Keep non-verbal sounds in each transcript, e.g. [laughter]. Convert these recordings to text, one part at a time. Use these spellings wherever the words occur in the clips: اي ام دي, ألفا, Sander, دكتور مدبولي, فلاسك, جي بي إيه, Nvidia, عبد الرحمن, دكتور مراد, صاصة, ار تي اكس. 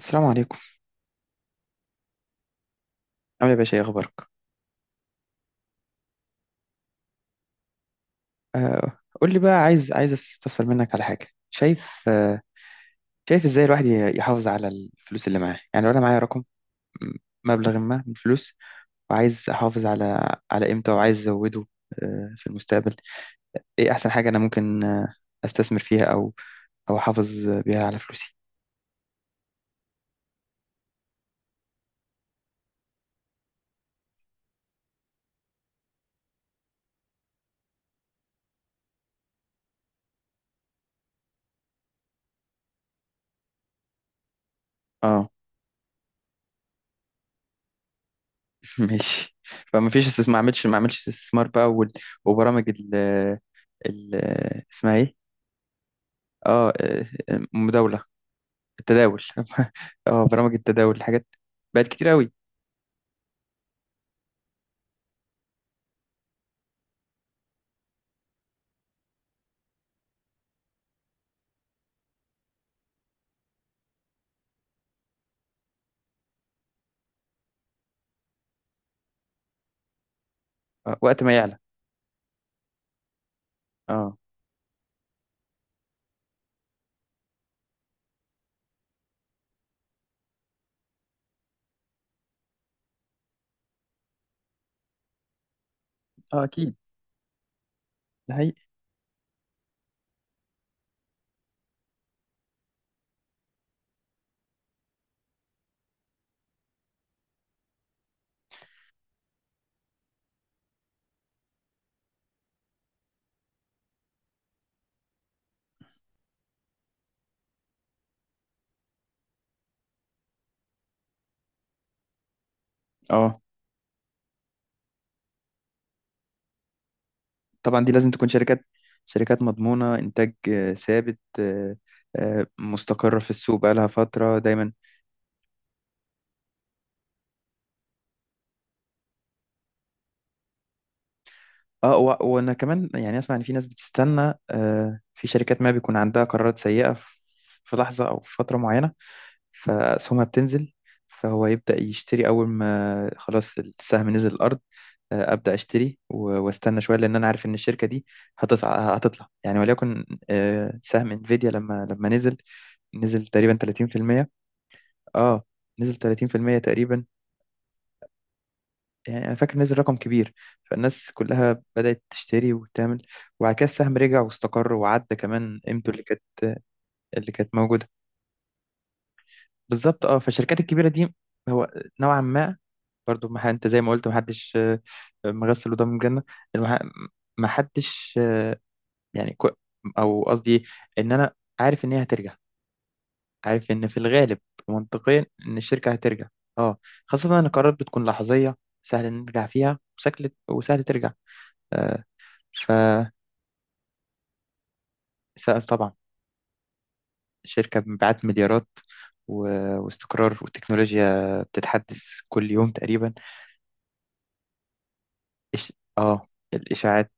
السلام عليكم. عامل ايه يا باشا؟ ايه اخبارك؟ آه قول لي بقى، عايز استفسر منك على حاجه. شايف شايف ازاي الواحد يحافظ على الفلوس اللي معاه؟ يعني لو انا معايا رقم، م- مبلغ ما من الفلوس، وعايز احافظ على قيمته وعايز ازوده في المستقبل. ايه احسن حاجه انا ممكن استثمر فيها، او او احافظ بيها على فلوسي؟ اه [laughs] ماشي. فما فيش استثمار؟ ما اعملش، ما اعملش استثمار بقى وبرامج ال اسمها ايه؟ اه، مداوله، التداول [laughs] اه برامج التداول حاجات بقت كتير قوي. آه، وقت ما يعلى. اه، اه اكيد، ده حقيقي. اه طبعا، دي لازم تكون شركات مضمونة، انتاج ثابت، مستقرة في السوق بقالها فترة دايما. اه، وانا كمان يعني اسمع ان في ناس بتستنى، آه، في شركات ما بيكون عندها قرارات سيئة في في لحظة او في فترة معينة، فاسهمها بتنزل، فهو يبدأ يشتري. اول ما خلاص السهم نزل الارض، آه، ابدا اشتري واستنى شويه، لان انا عارف ان الشركه دي هتطلع. يعني وليكن آه، سهم انفيديا، لما نزل، نزل تقريبا 30%. اه نزل 30% تقريبا. يعني انا فاكر نزل رقم كبير، فالناس كلها بدات تشتري وتعمل، وبعد كده السهم رجع واستقر وعدى كمان قيمته اللي كانت موجوده. بالظبط اه، فالشركات الكبيره دي هو نوعا ما برضو ما ح- انت زي ما قلت ما حدش آه، مغسل ودم الجنه. المح- ما حدش يعني او قصدي ان انا عارف ان هي هترجع، عارف ان في الغالب منطقيا ان الشركه هترجع. اه، خاصه ان القرارات بتكون لحظيه، سهل نرجع فيها، وسهل ترجع. آه، ف طبعا شركه بمبيعات مليارات و... واستقرار، والتكنولوجيا بتتحدث كل يوم تقريبا. اه الاشاعات،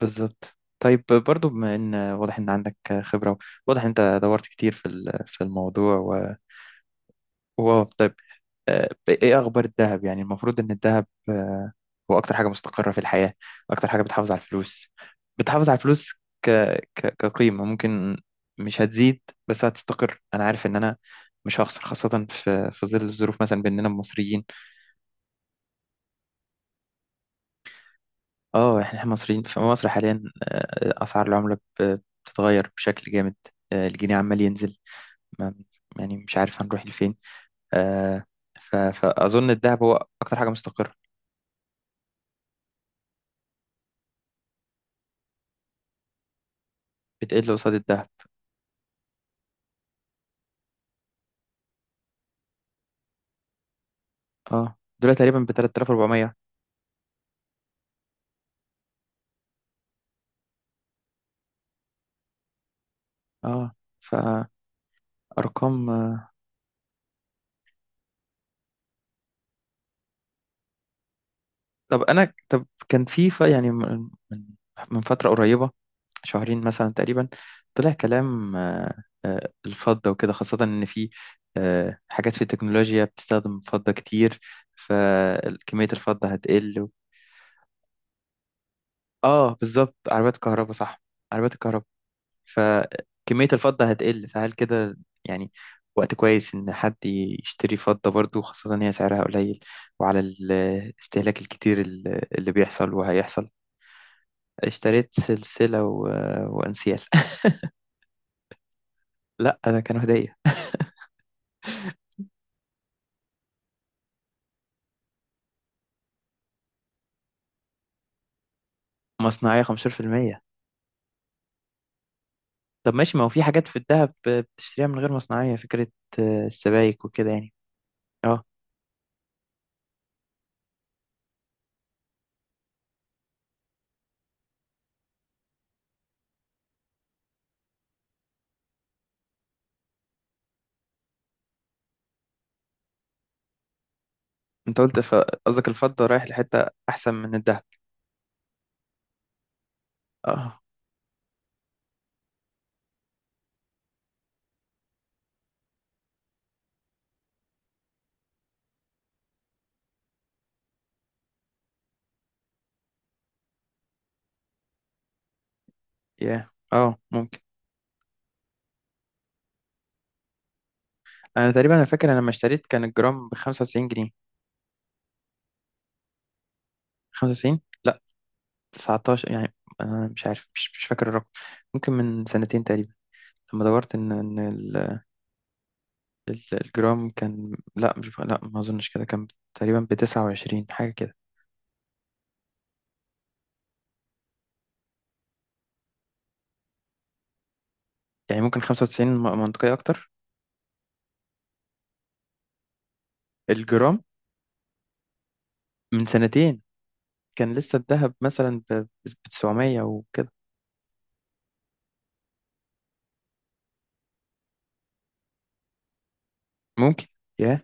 بالظبط. طيب برضو، بما ان واضح ان عندك خبره، واضح ان انت دورت كتير في الموضوع و... واو طيب، آه، ايه اخبار الذهب؟ يعني المفروض ان الذهب آه، هو اكتر حاجه مستقره في الحياه، اكتر حاجه بتحافظ على الفلوس، بتحافظ على الفلوس ك... كقيمه. ممكن مش هتزيد بس هتستقر، انا عارف ان انا مش هخسر، خاصه في ظل الظروف مثلا باننا مصريين. اه احنا، إحنا مصريين في مصر حاليا، آه، اسعار العمله بتتغير بشكل جامد، آه، الجنيه عمال ينزل، ما... يعني مش عارف هنروح لفين، آه، فاظن الذهب هو اكتر حاجه مستقره. بتقل قصاد الذهب. اه دلوقتي تقريبا ب 3400. اه فارقام. آه. طب انا، طب كان في، يعني من من فتره قريبه، شهرين مثلا تقريبا، طلع كلام الفضة وكده، خاصة إن في آه، حاجات في التكنولوجيا بتستخدم فضة كتير، فكمية الفضة هتقل و... آه بالظبط عربيات الكهرباء صح، عربيات الكهرباء، فكمية الفضة هتقل، فهل كده يعني وقت كويس إن حد يشتري فضة برضو، خاصة إن هي سعرها قليل، وعلى الاستهلاك الكتير اللي بيحصل وهيحصل. اشتريت سلسلة و... وأنسيال [laughs] لا ده كانوا هدية. مصنعية 15%؟ طب ماشي، ما هو في حاجات في الدهب بتشتريها من غير مصنعية فكرة، آه، السبائك وكده يعني. اه انت قلت قصدك الفضة رايح لحتة أحسن من الدهب. اه، يا اه ممكن. انا تقريبا، انا فاكر انا لما اشتريت كان الجرام ب 95 جنيه، 95 لا 19 يعني، انا مش عارف، مش فاكر الرقم. ممكن من سنتين تقريبا لما دورت ان الجرام كان، لا مش، لا ما اظنش كده، كان تقريبا ب 29 حاجه كده. يعني ممكن 95 منطقيه اكتر، الجرام من سنتين، كان لسه الذهب مثلا ب 900 وكده. ممكن، يا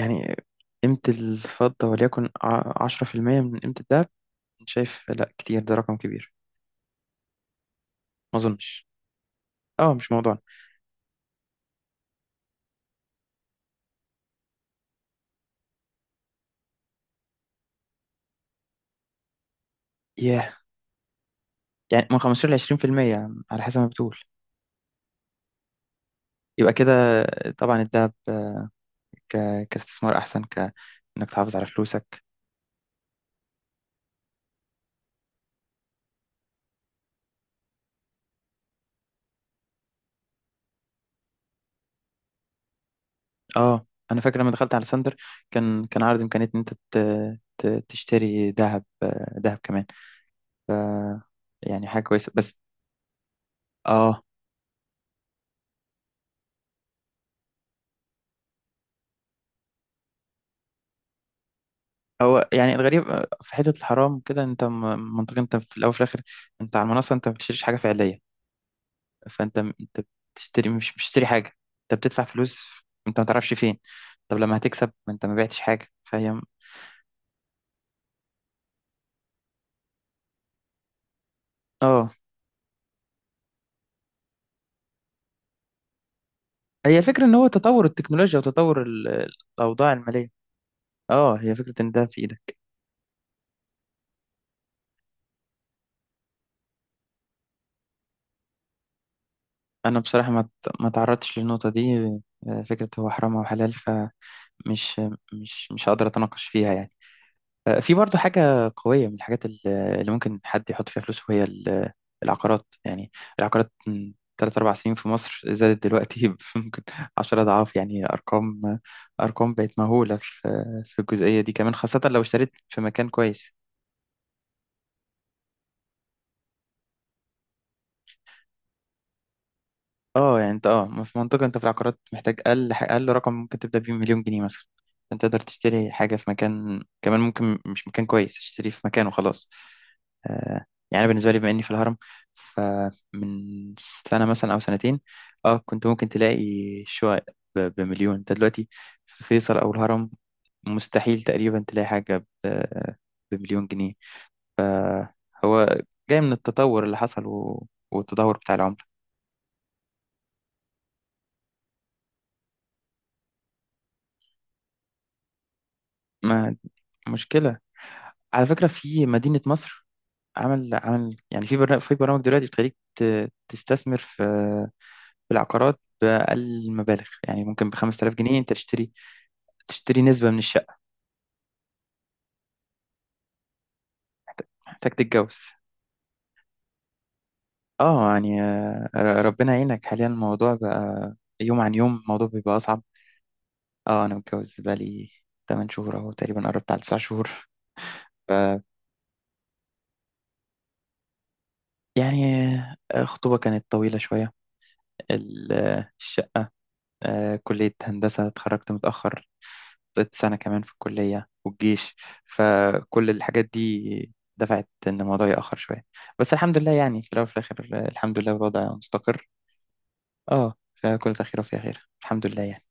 يعني قيمه الفضه وليكن 10% من قيمه الذهب. شايف؟ لا كتير، ده رقم كبير، ما اظنش. اه مش موضوعنا. ياه، يعني من 15 ل 20% على حسب ما بتقول، يبقى كده. طبعا الدهب ك... كاستثمار احسن، ك انك تحافظ على فلوسك. اه انا فاكر لما دخلت على ساندر، كان عرض امكانيه ان انت تشتري ذهب، آه، ذهب كمان. ف يعني حاجه كويسه، بس اه هو يعني الغريب آه، في حته الحرام كده، انت منطقيا انت في الاول وفي الاخر انت على المنصه انت ما بتشتريش حاجه فعليه، فانت انت بتشتري، مش بتشتري حاجه، انت بتدفع فلوس، انت ما تعرفش فين. طب لما هتكسب، ما انت ما بعتش حاجه، فهي م-، اه هي الفكره ان هو تطور التكنولوجيا وتطور الاوضاع الماليه. اه هي فكره ان ده في ايدك. انا بصراحه ما تعرضتش للنقطه دي، آه، فكره هو حرام او حلال، فمش مش مش هقدر اتناقش فيها يعني. آه، في برضه حاجة قوية من الحاجات اللي ممكن حد يحط فيها فلوس، وهي ال- العقارات يعني، العقارات من تلات أربع سنين في مصر زادت دلوقتي [laughs] ب- ممكن عشرة أضعاف، يعني أرقام، بقت مهولة في في الجزئية دي كمان، خاصة لو اشتريت في مكان كويس. اه يعني انت اه في منطقة، انت في العقارات محتاج اقل رقم ممكن تبدأ بيه مليون جنيه مثلا، انت تقدر تشتري حاجة في مكان كمان، ممكن مش مكان كويس، تشتري في مكان وخلاص. آه، يعني أنا بالنسبة لي بما إني في الهرم، فمن سنة مثلا أو سنتين، اه كنت ممكن تلاقي شقق بمليون، انت دلوقتي في فيصل أو الهرم مستحيل تقريبا تلاقي حاجة بمليون جنيه. هو جاي من التطور اللي حصل والتدهور بتاع العملة. ما مشكلة، على فكرة في مدينة مصر عمل، يعني في برنامج، في برامج دلوقتي بتخليك تستثمر في في العقارات بأقل المبالغ، يعني ممكن ب 5000 جنيه انت تشتري، تشتري نسبة من الشقة. محتاج تتجوز. اه يعني آه، ربنا يعينك، حاليا الموضوع بقى يوم عن يوم الموضوع بيبقى أصعب. اه أنا متجوز بقالي 8 شهور أهو تقريبا، قربت على 9 شهور. ف يعني آه، الخطوبة كانت طويلة شوية، آه، الشقة، آه، كلية هندسة اتخرجت متأخر، قضيت سنة كمان في الكلية والجيش، فكل الحاجات دي دفعت إن الموضوع يأخر شوية. بس الحمد لله، يعني في الأول وفي الآخر الحمد لله الوضع مستقر. اه فكل خير وفي خير الحمد لله يعني.